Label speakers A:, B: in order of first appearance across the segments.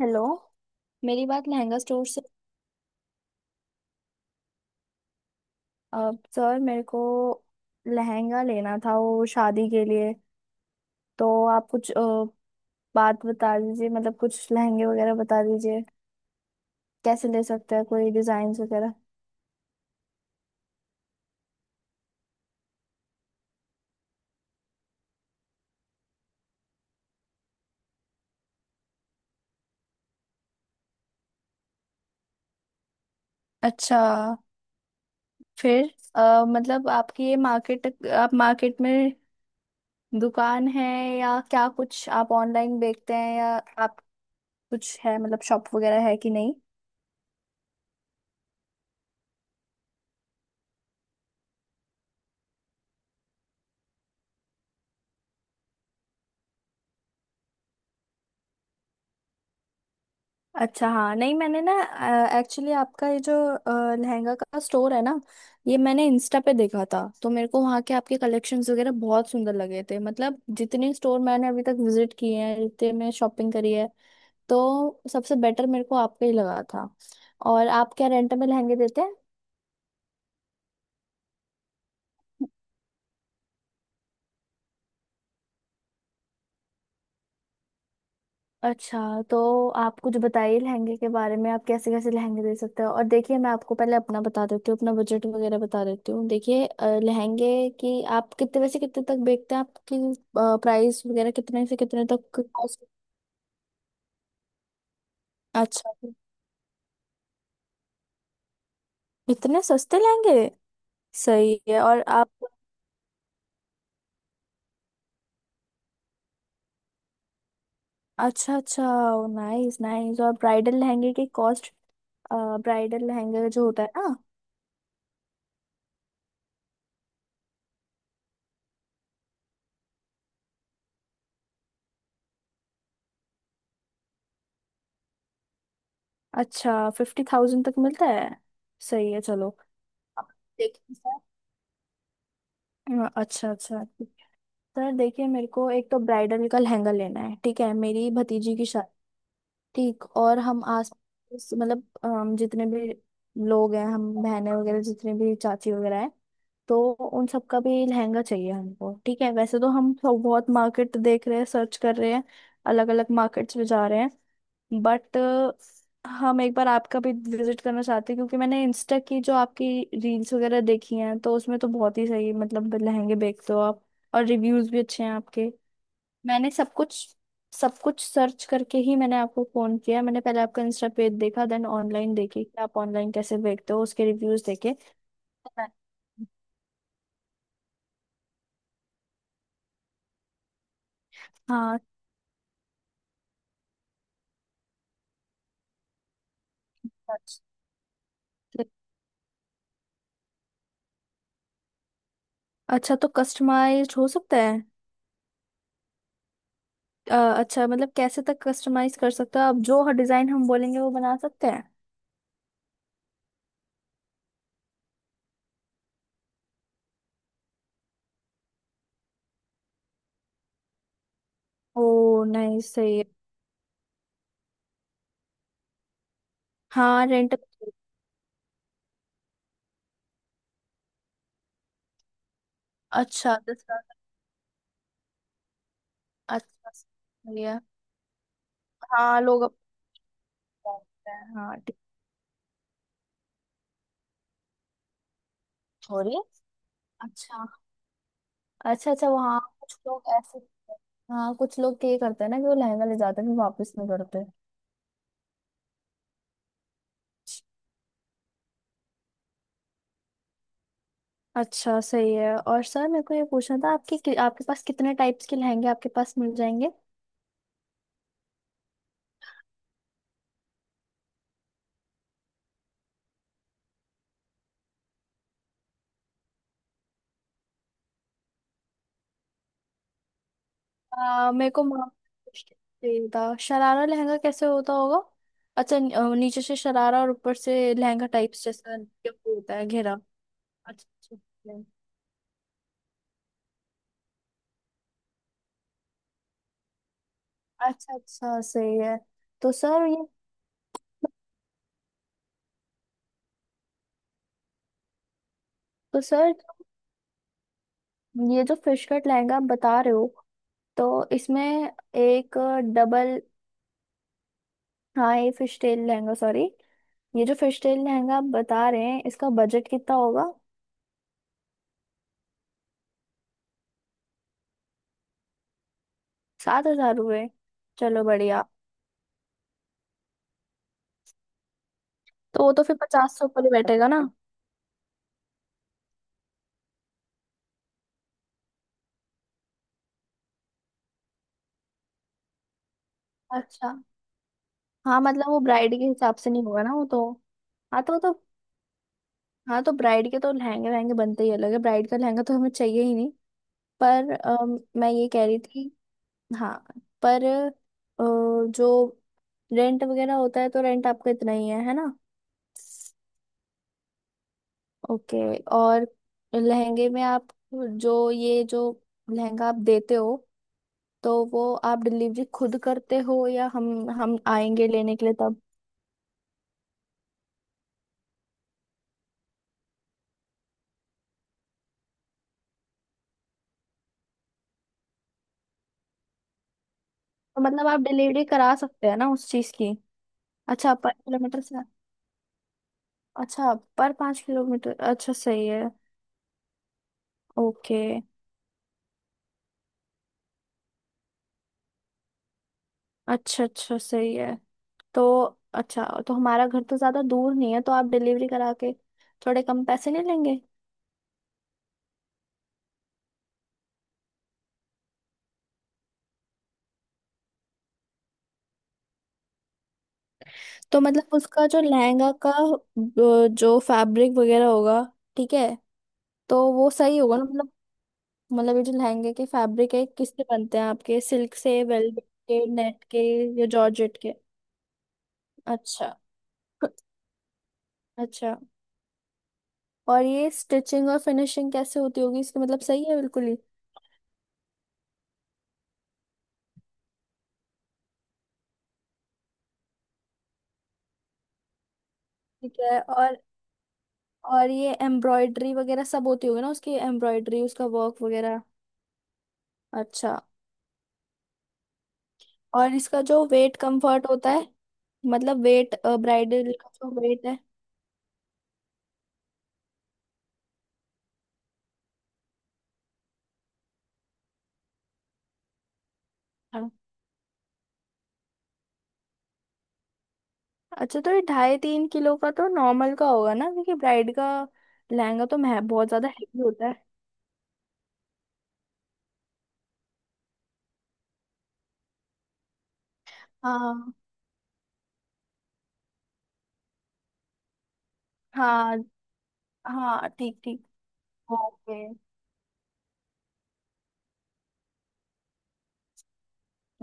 A: Hello. मेरी बात lehenga store से। सर, मेरे को लहंगा लेना था वो शादी के लिए। तो आप कुछ बात बता दीजिए, मतलब कुछ लहंगे वगैरह बता दीजिए, कैसे ले सकते हैं, कोई डिजाइन वगैरह। अच्छा। फिर मतलब आपकी ये मार्केट, आप मार्केट में दुकान है, या क्या कुछ आप ऑनलाइन बेचते हैं, या आप कुछ है मतलब शॉप वगैरह है कि नहीं? अच्छा हाँ, नहीं मैंने ना, एक्चुअली आपका ये जो लहंगा का स्टोर है ना, ये मैंने इंस्टा पे देखा था, तो मेरे को वहाँ के आपके कलेक्शंस वगैरह बहुत सुंदर लगे थे। मतलब जितने स्टोर मैंने अभी तक विजिट किए हैं, जितने मैं शॉपिंग करी है, तो सबसे बेटर मेरे को आपका ही लगा था। और आप क्या रेंट में लहंगे देते हैं? अच्छा। तो आप कुछ बताइए लहंगे के बारे में, आप कैसे कैसे लहंगे दे सकते हो। और देखिए, मैं आपको पहले अपना बता देती हूँ, अपना बजट वगैरह बता देती हूँ। देखिए लहंगे की आप कितने, वैसे कितने तक बेचते हैं? आपकी प्राइस वगैरह कितने से कितने तक अच्छा, इतने सस्ते लहंगे! सही है। और आप, अच्छा अच्छा, नाइस नाइस। और ब्राइडल लहंगे की कॉस्ट? ब्राइडल लहंगे जो होता है ना। अच्छा, 50,000 तक मिलता है। सही है, चलो। अब देखिए अच्छा अच्छा ठीक है। सर देखिए, मेरे को एक तो ब्राइडल का लहंगा लेना है, ठीक है? मेरी भतीजी की शादी। ठीक। और हम आस मतलब जितने भी लोग हैं, हम बहनें वगैरह, जितने भी चाची वगैरह हैं, तो उन सबका भी लहंगा चाहिए हमको। ठीक है, वैसे तो हम सब बहुत मार्केट देख रहे हैं, सर्च कर रहे हैं, अलग अलग मार्केट्स में जा रहे हैं। बट हम एक बार आपका भी विजिट करना चाहते हैं, क्योंकि मैंने इंस्टा की जो आपकी रील्स वगैरह देखी हैं, तो उसमें तो बहुत ही सही मतलब लहंगे बेचते हो आप, और रिव्यूज भी अच्छे हैं आपके। मैंने सब कुछ, सब कुछ सर्च करके ही मैंने आपको फोन किया। मैंने पहले आपका इंस्टा पेज देखा, देन ऑनलाइन देखी कि आप ऑनलाइन कैसे बेचते हो, उसके रिव्यूज देखे। तो मैं- हाँ, अच्छा अच्छा, तो कस्टमाइज्ड हो सकता है? अच्छा, मतलब कैसे तक कस्टमाइज कर सकते हो? आप जो डिजाइन हम बोलेंगे वो बना सकते हैं? ओ, नहीं सही है। हाँ, रेंट। अच्छा, 10 लाख। अच्छा सही है। हाँ, लोग अपने जानते हैं। हाँ ठीक। सॉरी। अच्छा अच्छा। अच्छा, वहाँ कुछ लोग ऐसे, हाँ, कुछ लोग ये करते हैं ना कि वो लहंगा ले जाते हैं, फिर वापस नहीं करते। अच्छा सही है। और सर मेरे को ये पूछना था आपके आपके पास कितने टाइप्स के लहंगे आपके पास मिल जाएंगे? मेरे को मामा चाहिए था, शरारा लहंगा कैसे होता होगा? अच्छा, नीचे से शरारा और ऊपर से लहंगा टाइप्स जैसा, जो होता है घेरा। अच्छा अच्छा, अच्छा अच्छा, सही है। तो सर ये तो सर ये जो फिश कट लहंगा आप बता रहे हो, तो इसमें एक डबल, हाँ ये फिश टेल लहंगा, सॉरी, ये जो फिश टेल लहंगा आप बता रहे हैं, इसका बजट कितना होगा? 7,000 रुपये। चलो बढ़िया। तो वो तो फिर पचास सौ ऊपर ही बैठेगा ना? अच्छा। हाँ, मतलब वो ब्राइड के हिसाब से नहीं होगा ना, वो तो, हाँ तो वो तो, हाँ तो ब्राइड के तो लहंगे वहंगे बनते ही अलग है ब्राइड का लहंगा तो हमें चाहिए ही नहीं। पर मैं ये कह रही थी, हाँ, पर जो रेंट वगैरह होता है, तो रेंट आपका इतना ही है ना? ओके। और लहंगे में आप, जो ये जो लहंगा आप देते हो, तो वो आप डिलीवरी खुद करते हो, या हम आएंगे लेने के लिए तब? तो मतलब आप डिलीवरी करा सकते हैं ना उस चीज की। अच्छा, पर किलोमीटर से। अच्छा, पर 5 किलोमीटर, अच्छा सही है। ओके। अच्छा अच्छा सही है। तो अच्छा, तो हमारा घर तो ज़्यादा दूर नहीं है, तो आप डिलीवरी करा के थोड़े कम पैसे नहीं लेंगे? तो मतलब उसका जो लहंगा का जो फैब्रिक वगैरह होगा, ठीक है, तो वो सही होगा ना, मतलब, मतलब ये जो लहंगे के फैब्रिक है किससे बनते हैं आपके, सिल्क से, वेलवेट के, नेट के, या जॉर्जेट के? अच्छा अच्छा। और ये स्टिचिंग और फिनिशिंग कैसे होती होगी इसका, मतलब सही है बिल्कुल ही? ठीक है। और ये एम्ब्रॉयडरी वगैरह सब होती होगी ना उसकी, एम्ब्रॉयडरी उसका वर्क वगैरह। अच्छा। और इसका जो वेट कंफर्ट होता है, मतलब वेट, ब्राइडल का जो वेट है? हाँ। अच्छा, तो ये ढाई तीन किलो का तो नॉर्मल का होगा ना, क्योंकि ब्राइड का लहंगा तो बहुत ज्यादा हैवी होता है। हाँ हाँ हाँ, ठीक ठीक, ओके।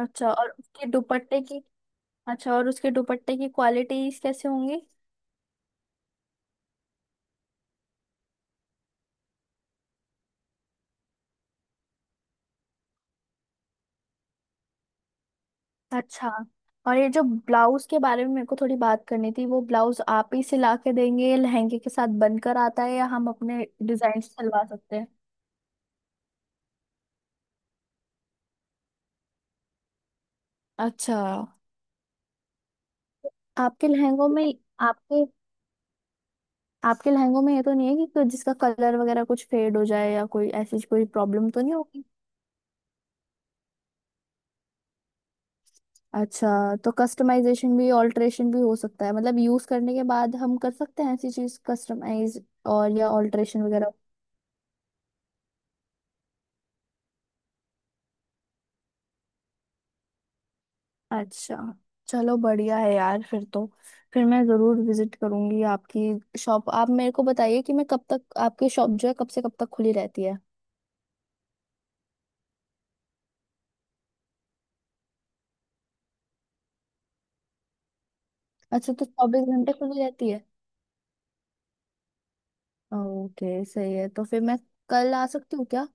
A: अच्छा और उसके दुपट्टे की अच्छा और उसके दुपट्टे की क्वालिटीज कैसे होंगी? अच्छा। और ये जो ब्लाउज के बारे में मेरे को थोड़ी बात करनी थी, वो ब्लाउज आप ही सिला के देंगे, लहंगे के साथ बनकर आता है, या हम अपने डिजाइन से सिलवा सकते हैं? अच्छा। आपके लहंगों में आपके आपके लहंगों में ये तो नहीं है कि जिसका कलर वगैरह कुछ फेड हो जाए, या कोई ऐसी कोई प्रॉब्लम तो नहीं होगी? अच्छा, तो कस्टमाइजेशन भी, ऑल्टरेशन भी हो सकता है, मतलब यूज करने के बाद हम कर सकते हैं ऐसी चीज कस्टमाइज और या ऑल्टरेशन वगैरह? अच्छा, चलो बढ़िया है यार फिर तो। फिर मैं जरूर विजिट करूंगी आपकी शॉप। आप मेरे को बताइए कि मैं कब तक, आपकी शॉप जो है कब से कब तक खुली रहती है? अच्छा, तो 24 घंटे खुली रहती है। ओके सही है, तो फिर मैं कल आ सकती हूँ क्या?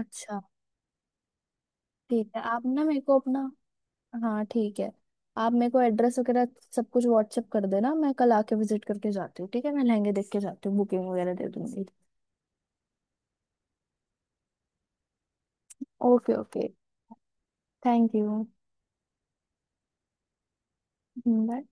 A: अच्छा ठीक है, आप ना मेरे को अपना, हाँ ठीक है, आप मेरे को एड्रेस वगैरह सब कुछ व्हाट्सएप कर देना। मैं कल आके विजिट करके जाती हूँ, ठीक है, मैं लहंगे देख के जाती हूँ, बुकिंग वगैरह दे दूंगी। Okay okay, thank you, bye.